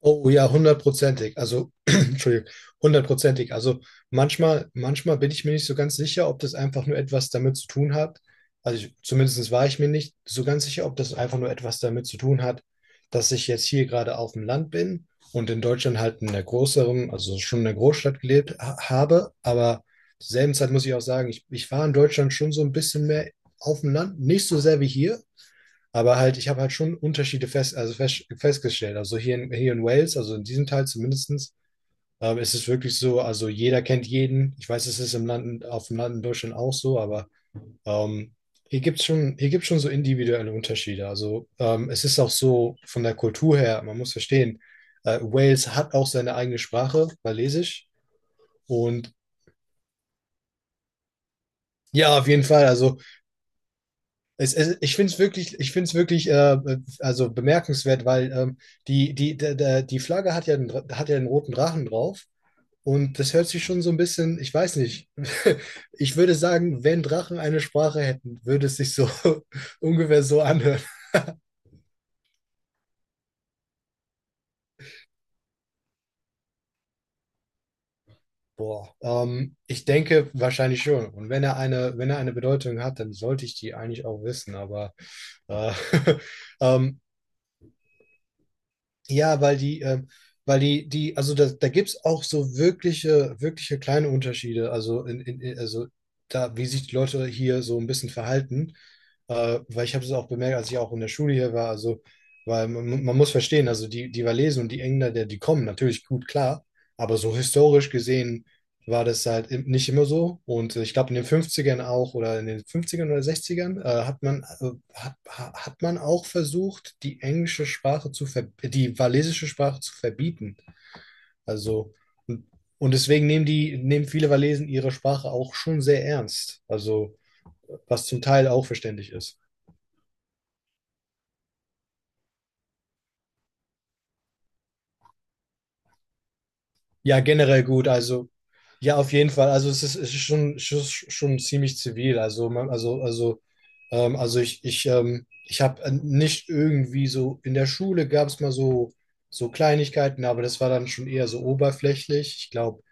Oh ja, hundertprozentig. Also, Entschuldigung, hundertprozentig. Also manchmal bin ich mir nicht so ganz sicher, ob das einfach nur etwas damit zu tun hat. Zumindest war ich mir nicht so ganz sicher, ob das einfach nur etwas damit zu tun hat, dass ich jetzt hier gerade auf dem Land bin und in Deutschland halt in einer größeren, also schon in einer Großstadt gelebt ha habe. Aber zur selben Zeit muss ich auch sagen, ich war in Deutschland schon so ein bisschen mehr auf dem Land, nicht so sehr wie hier. Aber halt, ich habe halt schon Unterschiede festgestellt. Also hier in Wales, also in diesem Teil zumindestens, ist es wirklich so, also jeder kennt jeden. Ich weiß, es ist im Land, auf dem Land in Deutschland auch so, aber ähm, hier gibt's schon so individuelle Unterschiede. Also es ist auch so von der Kultur her, man muss verstehen, Wales hat auch seine eigene Sprache, Walisisch. Und ja, auf jeden Fall. Ich finde es wirklich, ich finde es wirklich also bemerkenswert, weil die Flagge hat ja einen roten Drachen drauf, und das hört sich schon so ein bisschen, ich weiß nicht, ich würde sagen, wenn Drachen eine Sprache hätten, würde es sich so ungefähr so anhören. Boah, ich denke wahrscheinlich schon. Und wenn er eine Bedeutung hat, dann sollte ich die eigentlich auch wissen, aber äh, ähm, ja, weil die, die, also da, da gibt es auch so wirkliche, wirkliche kleine Unterschiede. Also da, wie sich die Leute hier so ein bisschen verhalten. Weil ich habe es auch bemerkt, als ich auch in der Schule hier war. Also, weil man muss verstehen, also die Walesen und die Engländer, die kommen natürlich gut klar, aber so historisch gesehen war das halt nicht immer so. Und ich glaube, in den Fünfzigern auch oder in den Fünfzigern oder Sechzigern hat man auch versucht, die walisische Sprache zu verbieten. Also, und, und deswegen nehmen viele Walesen ihre Sprache auch schon sehr ernst. Also, was zum Teil auch verständlich ist. Ja, generell gut. Also, ja, auf jeden Fall. Also, es ist schon ziemlich zivil. Also, man, also ich, ich habe nicht irgendwie so, in der Schule gab es mal so, Kleinigkeiten, aber das war dann schon eher so oberflächlich. Ich glaube,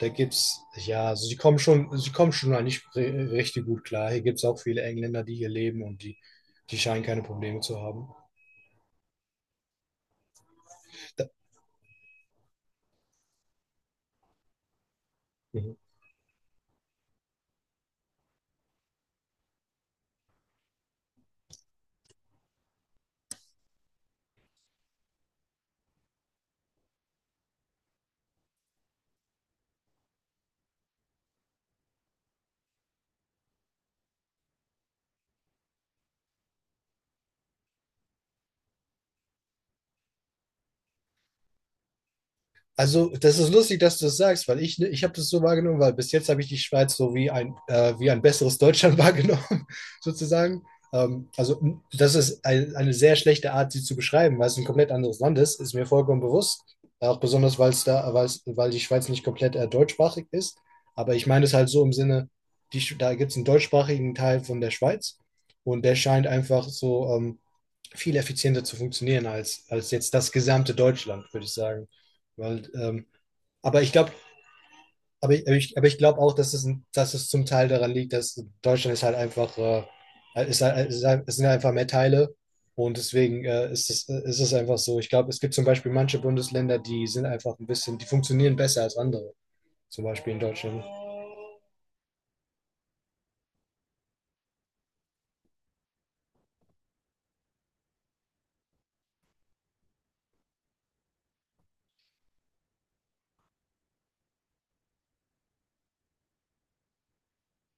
da gibt's, ja, also sie kommen schon mal nicht richtig gut klar. Hier gibt es auch viele Engländer, die hier leben, und die scheinen keine Probleme zu haben. Da, Also, das ist lustig, dass du es sagst, weil ich habe das so wahrgenommen, weil bis jetzt habe ich die Schweiz so wie ein besseres Deutschland wahrgenommen, sozusagen. Also, eine sehr schlechte Art, sie zu beschreiben, weil es ein komplett anderes Land ist, ist mir vollkommen bewusst. Auch besonders, weil es da, weil's, weil die Schweiz nicht komplett deutschsprachig ist. Aber ich meine es halt so im Sinne, da gibt es einen deutschsprachigen Teil von der Schweiz, und der scheint einfach so viel effizienter zu funktionieren als jetzt das gesamte Deutschland, würde ich sagen. Weil, ähm, aber ich glaube, aber ich, aber ich, aber ich glaube auch, dass es, zum Teil daran liegt, dass Deutschland ist halt einfach Es sind halt einfach mehr Teile, und deswegen ist es einfach so. Ich glaube, es gibt zum Beispiel manche Bundesländer, die sind einfach ein bisschen, die funktionieren besser als andere, zum Beispiel in Deutschland.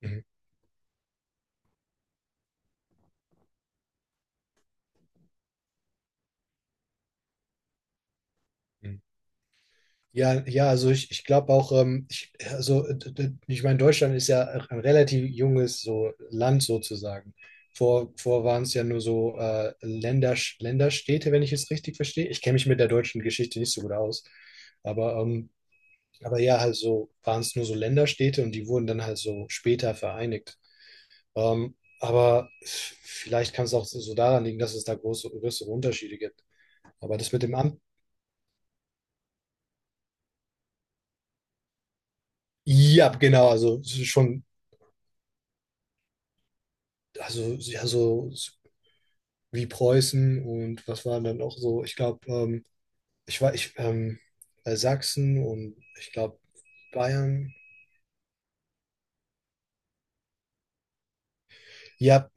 Mhm. Mhm. Ja, ja, also ich glaube auch, ich meine, Deutschland ist ja ein relativ junges so Land sozusagen. Vor waren es ja nur so Länder, Länderstädte, wenn ich es richtig verstehe. Ich kenne mich mit der deutschen Geschichte nicht so gut aus, aber, ähm, aber ja, halt so waren es nur so Länderstädte, und die wurden dann halt so später vereinigt. Ähm, aber vielleicht kann es auch so daran liegen, dass es da große, größere Unterschiede gibt. Aber das mit dem Amt, ja, genau, also schon, also ja, so wie Preußen. Und was waren dann auch so, ich glaube, ich war, ich, ähm, Sachsen und ich glaube Bayern. Ja,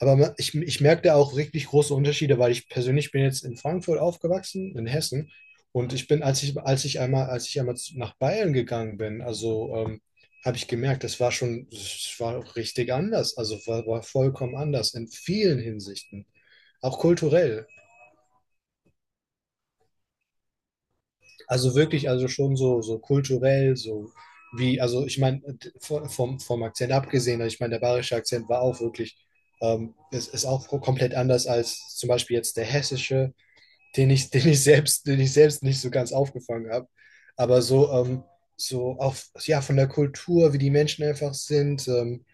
aber ich merke da auch richtig große Unterschiede, weil ich persönlich bin jetzt in Frankfurt aufgewachsen, in Hessen. Und ich bin, als ich einmal zu- nach Bayern gegangen bin, also habe ich gemerkt, das war auch richtig anders. Also war vollkommen anders in vielen Hinsichten. Auch kulturell. Also wirklich, also schon so, kulturell, so wie, also ich meine, vom Akzent abgesehen, also ich meine, der bayerische Akzent war auch wirklich, es ist auch komplett anders als zum Beispiel jetzt der hessische, den ich selbst nicht so ganz aufgefangen habe. Aber so, so auch, ja, von der Kultur, wie die Menschen einfach sind.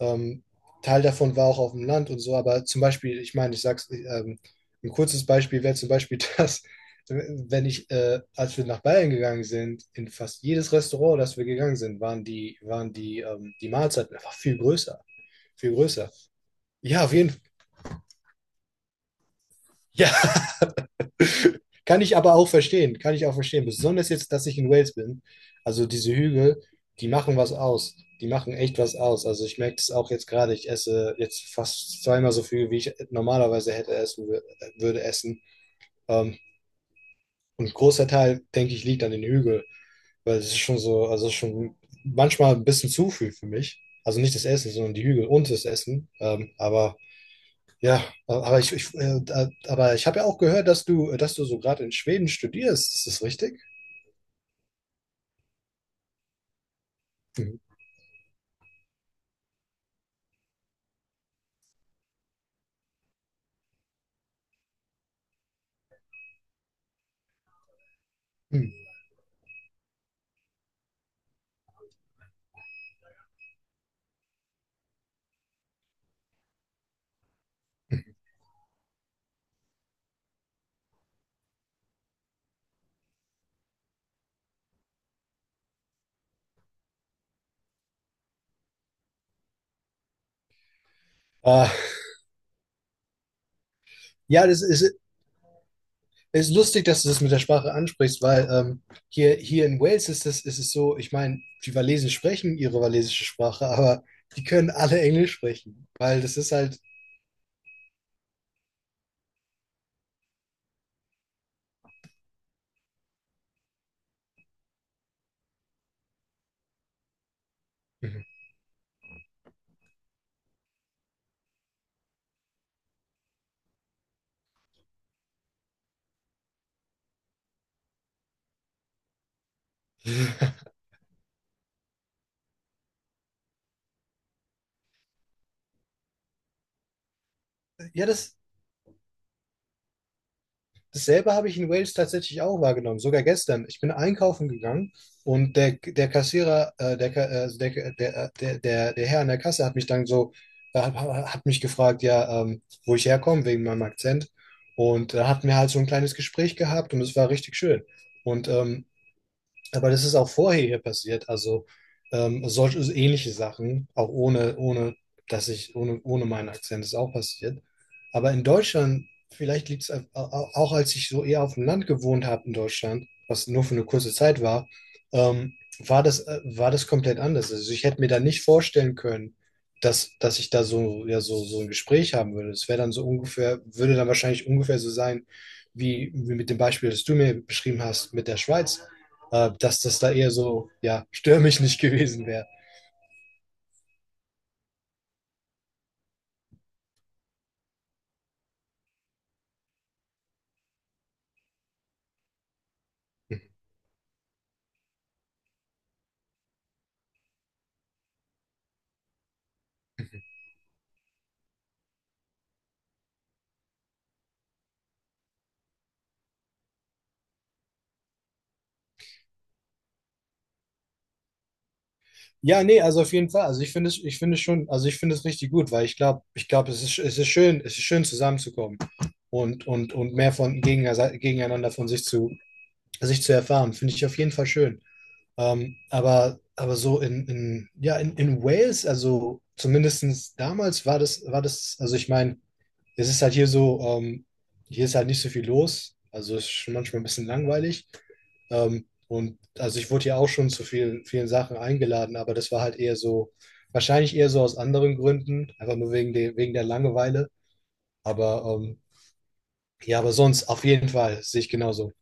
ähm, Teil davon war auch auf dem Land und so, aber zum Beispiel, ich meine, ich sag's, ein kurzes Beispiel wäre zum Beispiel das, wenn als wir nach Bayern gegangen sind, in fast jedes Restaurant, das wir gegangen sind, die Mahlzeiten einfach viel größer, viel größer. Ja, auf jeden Fall. Ja, kann ich aber auch verstehen, kann ich auch verstehen. Besonders jetzt, dass ich in Wales bin. Also diese Hügel, die machen was aus. Die machen echt was aus. Also ich merke das auch jetzt gerade. Ich esse jetzt fast zweimal so viel, wie ich normalerweise hätte essen würde essen. Ähm, und ein großer Teil, denke ich, liegt an den Hügeln, weil es ist schon so, also es ist schon manchmal ein bisschen zu viel für mich. Also nicht das Essen, sondern die Hügel und das Essen. Aber ja, aber ich habe ja auch gehört, dass du so gerade in Schweden studierst. Ist das richtig? Mhm. Mhm. Ah, ja, das ist lustig, dass du das mit der Sprache ansprichst, weil hier in Wales ist es so, ich meine, die Walesen sprechen ihre walisische Sprache, aber die können alle Englisch sprechen, weil das ist halt. Mhm. Ja, das, Dasselbe habe ich in Wales tatsächlich auch wahrgenommen, sogar gestern. Ich bin einkaufen gegangen, und der, der, der, der, Herr an der Kasse hat mich dann so, hat mich gefragt, ja, wo ich herkomme, wegen meinem Akzent. Und da hatten wir halt so ein kleines Gespräch gehabt, und es war richtig schön. Und aber das ist auch vorher hier passiert. Also solche, also ähnliche Sachen, auch ohne, ohne, dass ich, ohne, ohne meinen Akzent ist auch passiert. Aber in Deutschland, vielleicht liegt es auch, als ich so eher auf dem Land gewohnt habe in Deutschland, was nur für eine kurze Zeit war, ähm, war war das komplett anders. Also ich hätte mir da nicht vorstellen können, dass ich da so, ja, so ein Gespräch haben würde. Das wäre dann so ungefähr, würde dann wahrscheinlich ungefähr so sein, wie, wie mit dem Beispiel, das du mir beschrieben hast, mit der Schweiz, dass das da eher so, ja, stör mich nicht gewesen wäre. Ja, nee, also auf jeden Fall. Also ich finde es richtig gut, weil ich glaube, es ist, es ist schön zusammenzukommen, und mehr von gegeneinander sich zu erfahren. Finde ich auf jeden Fall schön. Aber, so in Wales, also zumindest damals also ich meine, es ist halt hier so, hier ist halt nicht so viel los. Also es ist schon manchmal ein bisschen langweilig. Und also ich wurde ja auch schon zu vielen, vielen Sachen eingeladen, aber das war halt eher so, wahrscheinlich eher so aus anderen Gründen, einfach nur wegen der Langeweile. Aber ja, aber sonst auf jeden Fall sehe ich genauso.